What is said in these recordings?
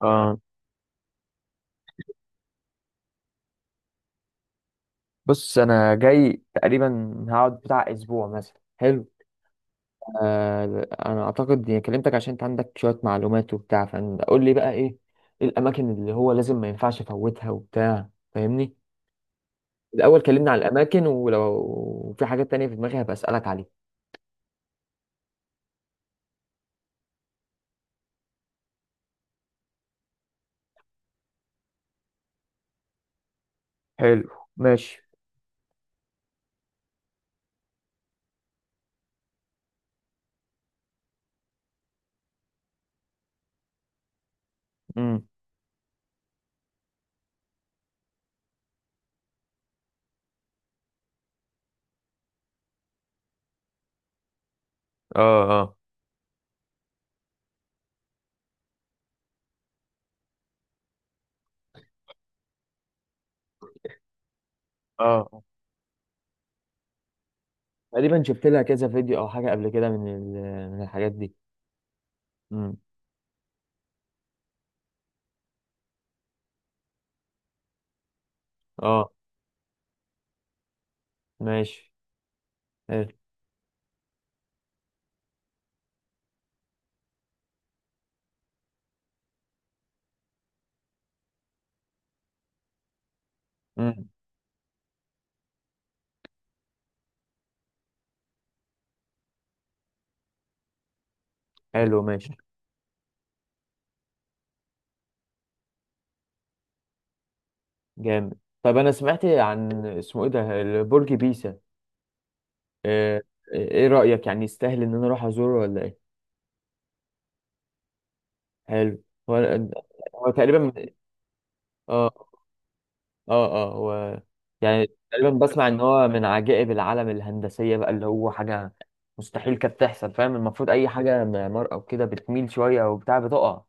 اه، بص انا جاي تقريبا هقعد بتاع اسبوع مثلا. حلو. انا اعتقد اني كلمتك عشان انت عندك شويه معلومات وبتاع، فقول لي بقى ايه؟ إيه الاماكن اللي هو لازم ما ينفعش افوتها وبتاع، فاهمني؟ الاول كلمنا على الاماكن، ولو في حاجات تانية في دماغي هبقى اسالك عليها. حلو، ماشي. امم. اه، اه، اه، آه. تقريبا شفت لها كذا فيديو او حاجه قبل كده، من من الحاجات دي. امم، اه، ماشي، حلو. امم، حلو، ماشي، جامد. طب انا سمعت عن اسمه ايه ده، برج بيزا. آه، ايه رأيك؟ يعني يستاهل ان انا اروح ازوره ولا ايه؟ حلو. هو هو تقريبا اه، اه، اه. هو، يعني تقريبا بسمع ان هو من عجائب العالم الهندسية بقى، اللي هو حاجة مستحيل كانت تحصل. فاهم، المفروض اي حاجة معمار او كده بتميل شوية او بتاع بتقع،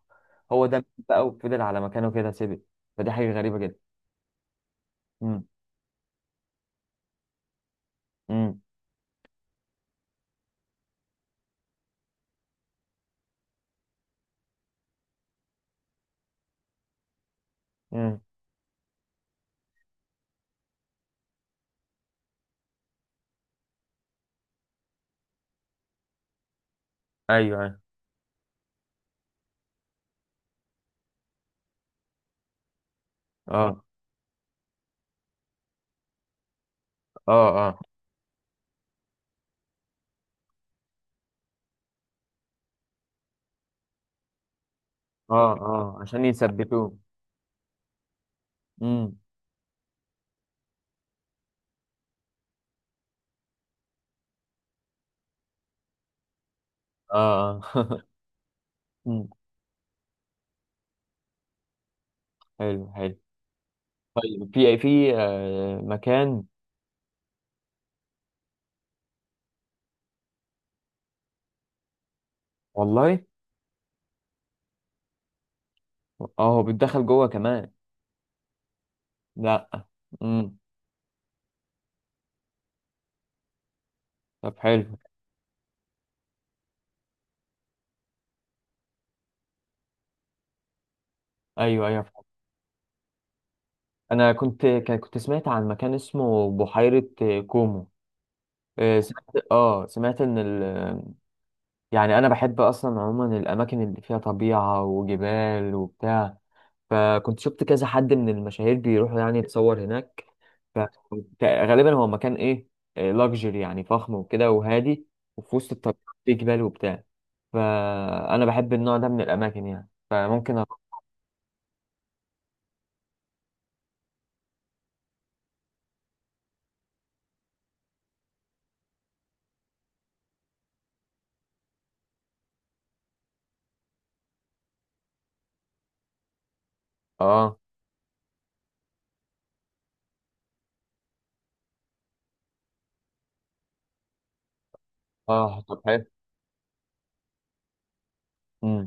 هو ده بقى وفضل على مكانه كده سيبه. فدي حاجة غريبة جدا. امم، امم، امم. ايوه، أيوة. اه، اه، آه. اه، اه، عشان يثبتوه. امم، اه، اه، امم، حلو، حلو، طيب. في مكان. والله، اه، هو بيتدخل جوه كمان؟ لا. امم. طب حلو. ايوه، ايوه. انا كنت سمعت عن مكان اسمه بحيرة كومو. سمعت. يعني انا بحب اصلا عموما الاماكن اللي فيها طبيعة وجبال وبتاع. فكنت شفت كذا حد من المشاهير بيروحوا يعني يتصور هناك. ف- غالبا هو مكان ايه، لاكجري يعني، فخم وكده وهادي، وفي وسط الطبيعة، في جبال وبتاع. فانا بحب النوع ده من الاماكن يعني، فممكن أروح. اه، اه، طب حلو. مم.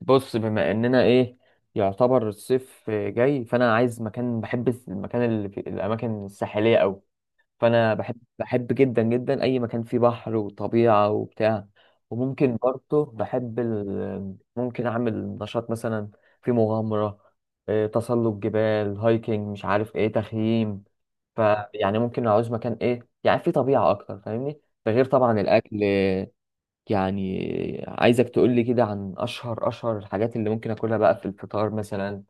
بص، بما اننا ايه، يعتبر الصيف جاي، فانا عايز مكان، بحب المكان اللي في الاماكن الساحليه قوي. فانا بحب جدا جدا اي مكان فيه بحر وطبيعه وبتاع. وممكن برضه ممكن اعمل نشاط مثلا في مغامره، تسلق جبال، هايكنج، مش عارف ايه، تخييم. فيعني ممكن اعوز مكان ايه يعني فيه طبيعه اكتر، فاهمني؟ ده غير طبعا الاكل. يعني عايزك تقولي كده عن أشهر الحاجات اللي ممكن أكلها بقى في الفطار مثلا،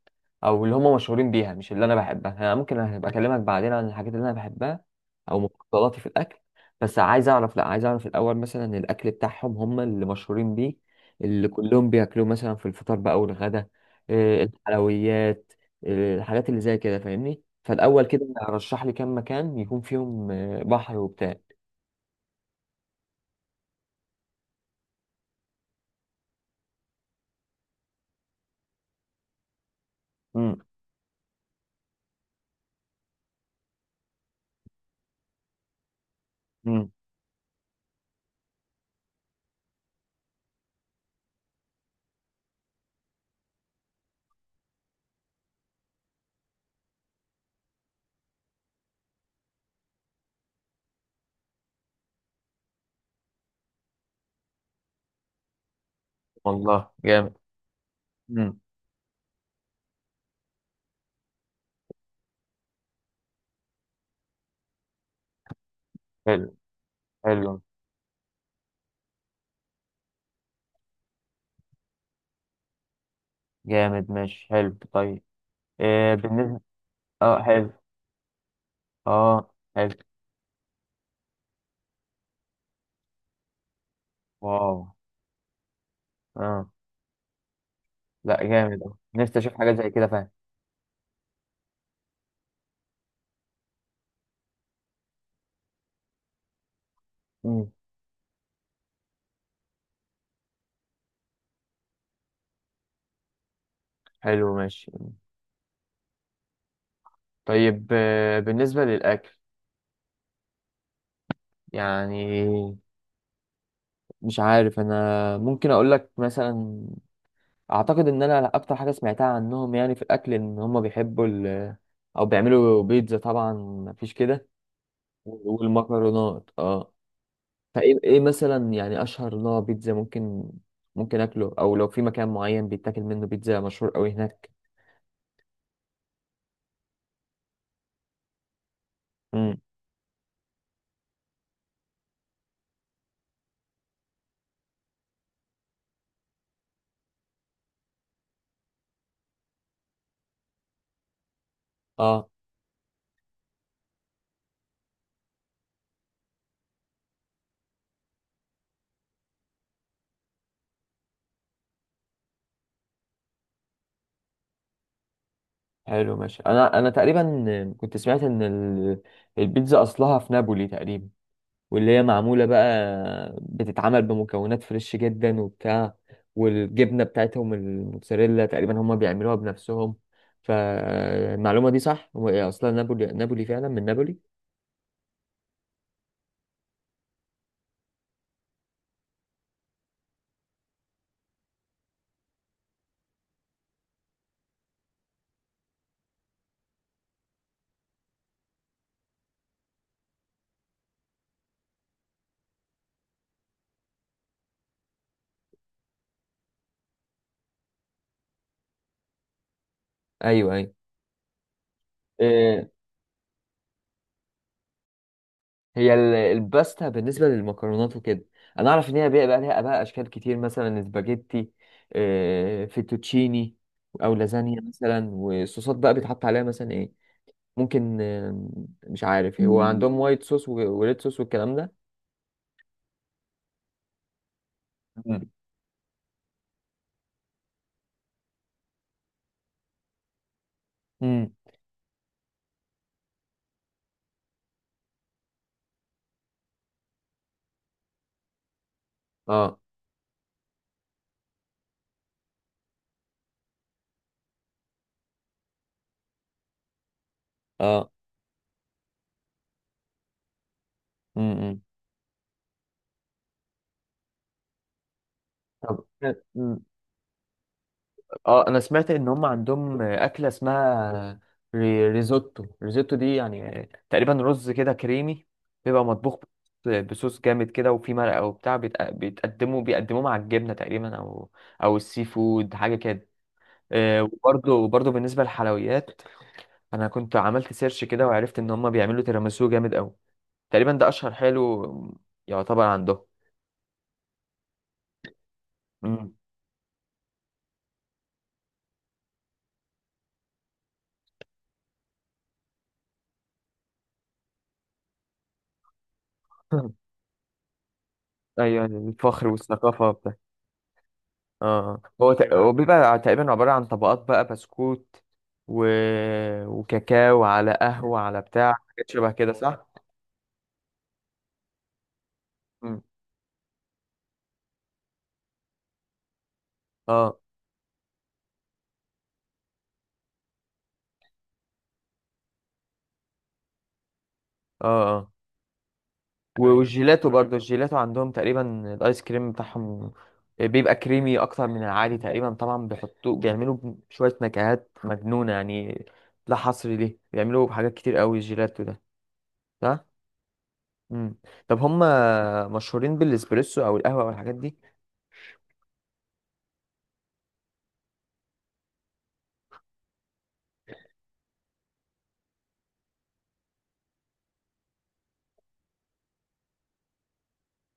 أو اللي هم مشهورين بيها، مش اللي أنا بحبها. أنا ممكن أبقى أكلمك بعدين عن الحاجات اللي أنا بحبها أو مفضلاتي في الأكل. بس عايز أعرف، لأ عايز أعرف الأول مثلا الأكل بتاعهم هم اللي مشهورين بيه، اللي كلهم بياكلوه مثلا في الفطار بقى والغدا. إيه، الحلويات، إيه، الحاجات اللي زي كده، فاهمني؟ فالأول كده رشح لي كام مكان يكون فيهم بحر وبتاع. امم. مم. والله جامد. حلو، حلو. جامد، ماشي، حلو، طيب. إيه بالنسبة. اه، حلو. اه، حلو. واو. اه. لا، جامد. اه، نفسي اشوف حاجة زي كده فعلا. مم. حلو، ماشي، طيب. بالنسبة للأكل، يعني مش عارف. أنا ممكن أقول لك مثلا، أعتقد إن أنا أكتر حاجة سمعتها عنهم يعني في الأكل إن هم بيحبوا ال، أو بيعملوا بيتزا طبعا، مفيش كده. والمكرونات. اه. فايه مثلا يعني اشهر نوع بيتزا ممكن اكله، او لو في مكان معين بيتاكل منه بيتزا مشهور قوي هناك. امم، اه، حلو، ماشي. انا تقريبا كنت سمعت ان البيتزا اصلها في نابولي تقريبا، واللي هي معموله بقى، بتتعمل بمكونات فريش جدا وبتاع، والجبنه بتاعتهم الموتزاريلا تقريبا هم بيعملوها بنفسهم. فالمعلومه دي صح؟ هو إيه اصلا نابولي، نابولي فعلا من نابولي؟ ايوه، ايوه. هي الباستا بالنسبة للمكرونات وكده، أنا أعرف إن هي بقى لها بقى أشكال كتير مثلا سباجيتي، فيتوتشيني، أو لازانيا مثلا. والصوصات بقى بيتحط عليها مثلا إيه؟ ممكن مش عارف هو عندهم وايت صوص وريد صوص والكلام ده. مم. امم، اه، اه، امم، طب، اه. انا سمعت ان هم عندهم اكله اسمها ريزوتو. ريزوتو دي يعني تقريبا رز كده كريمي، بيبقى مطبوخ بصوص جامد كده وفي مرقه وبتاع. بيتق- بيتقدموا بيقدموه مع الجبنه تقريبا او او السي فود حاجه كده. وبرضه بالنسبه للحلويات، انا كنت عملت سيرش كده وعرفت ان هم بيعملوا تيراميسو جامد قوي، تقريبا ده اشهر حلو يعتبر عندهم. مم. ايوه، الفخر والثقافه. اه، هو بيبقى تقريبا عبارة عن طبقات بقى بسكوت و... وكاكاو على قهوة على بتاع، حاجات شبه كده صح؟ مم. اه، اه، اه. ايوه، والجيلاتو برضه، الجيلاتو عندهم تقريبا الايس كريم بتاعهم، بيبقى كريمي اكتر من العادي. تقريبا طبعا بيحطوه، بيعملوا شوية نكهات مجنونة يعني، لا حصر ليه، بيعملوا حاجات كتير قوي الجيلاتو ده، صح؟ مم. طب هم مشهورين بالاسبريسو او القهوة او الحاجات دي؟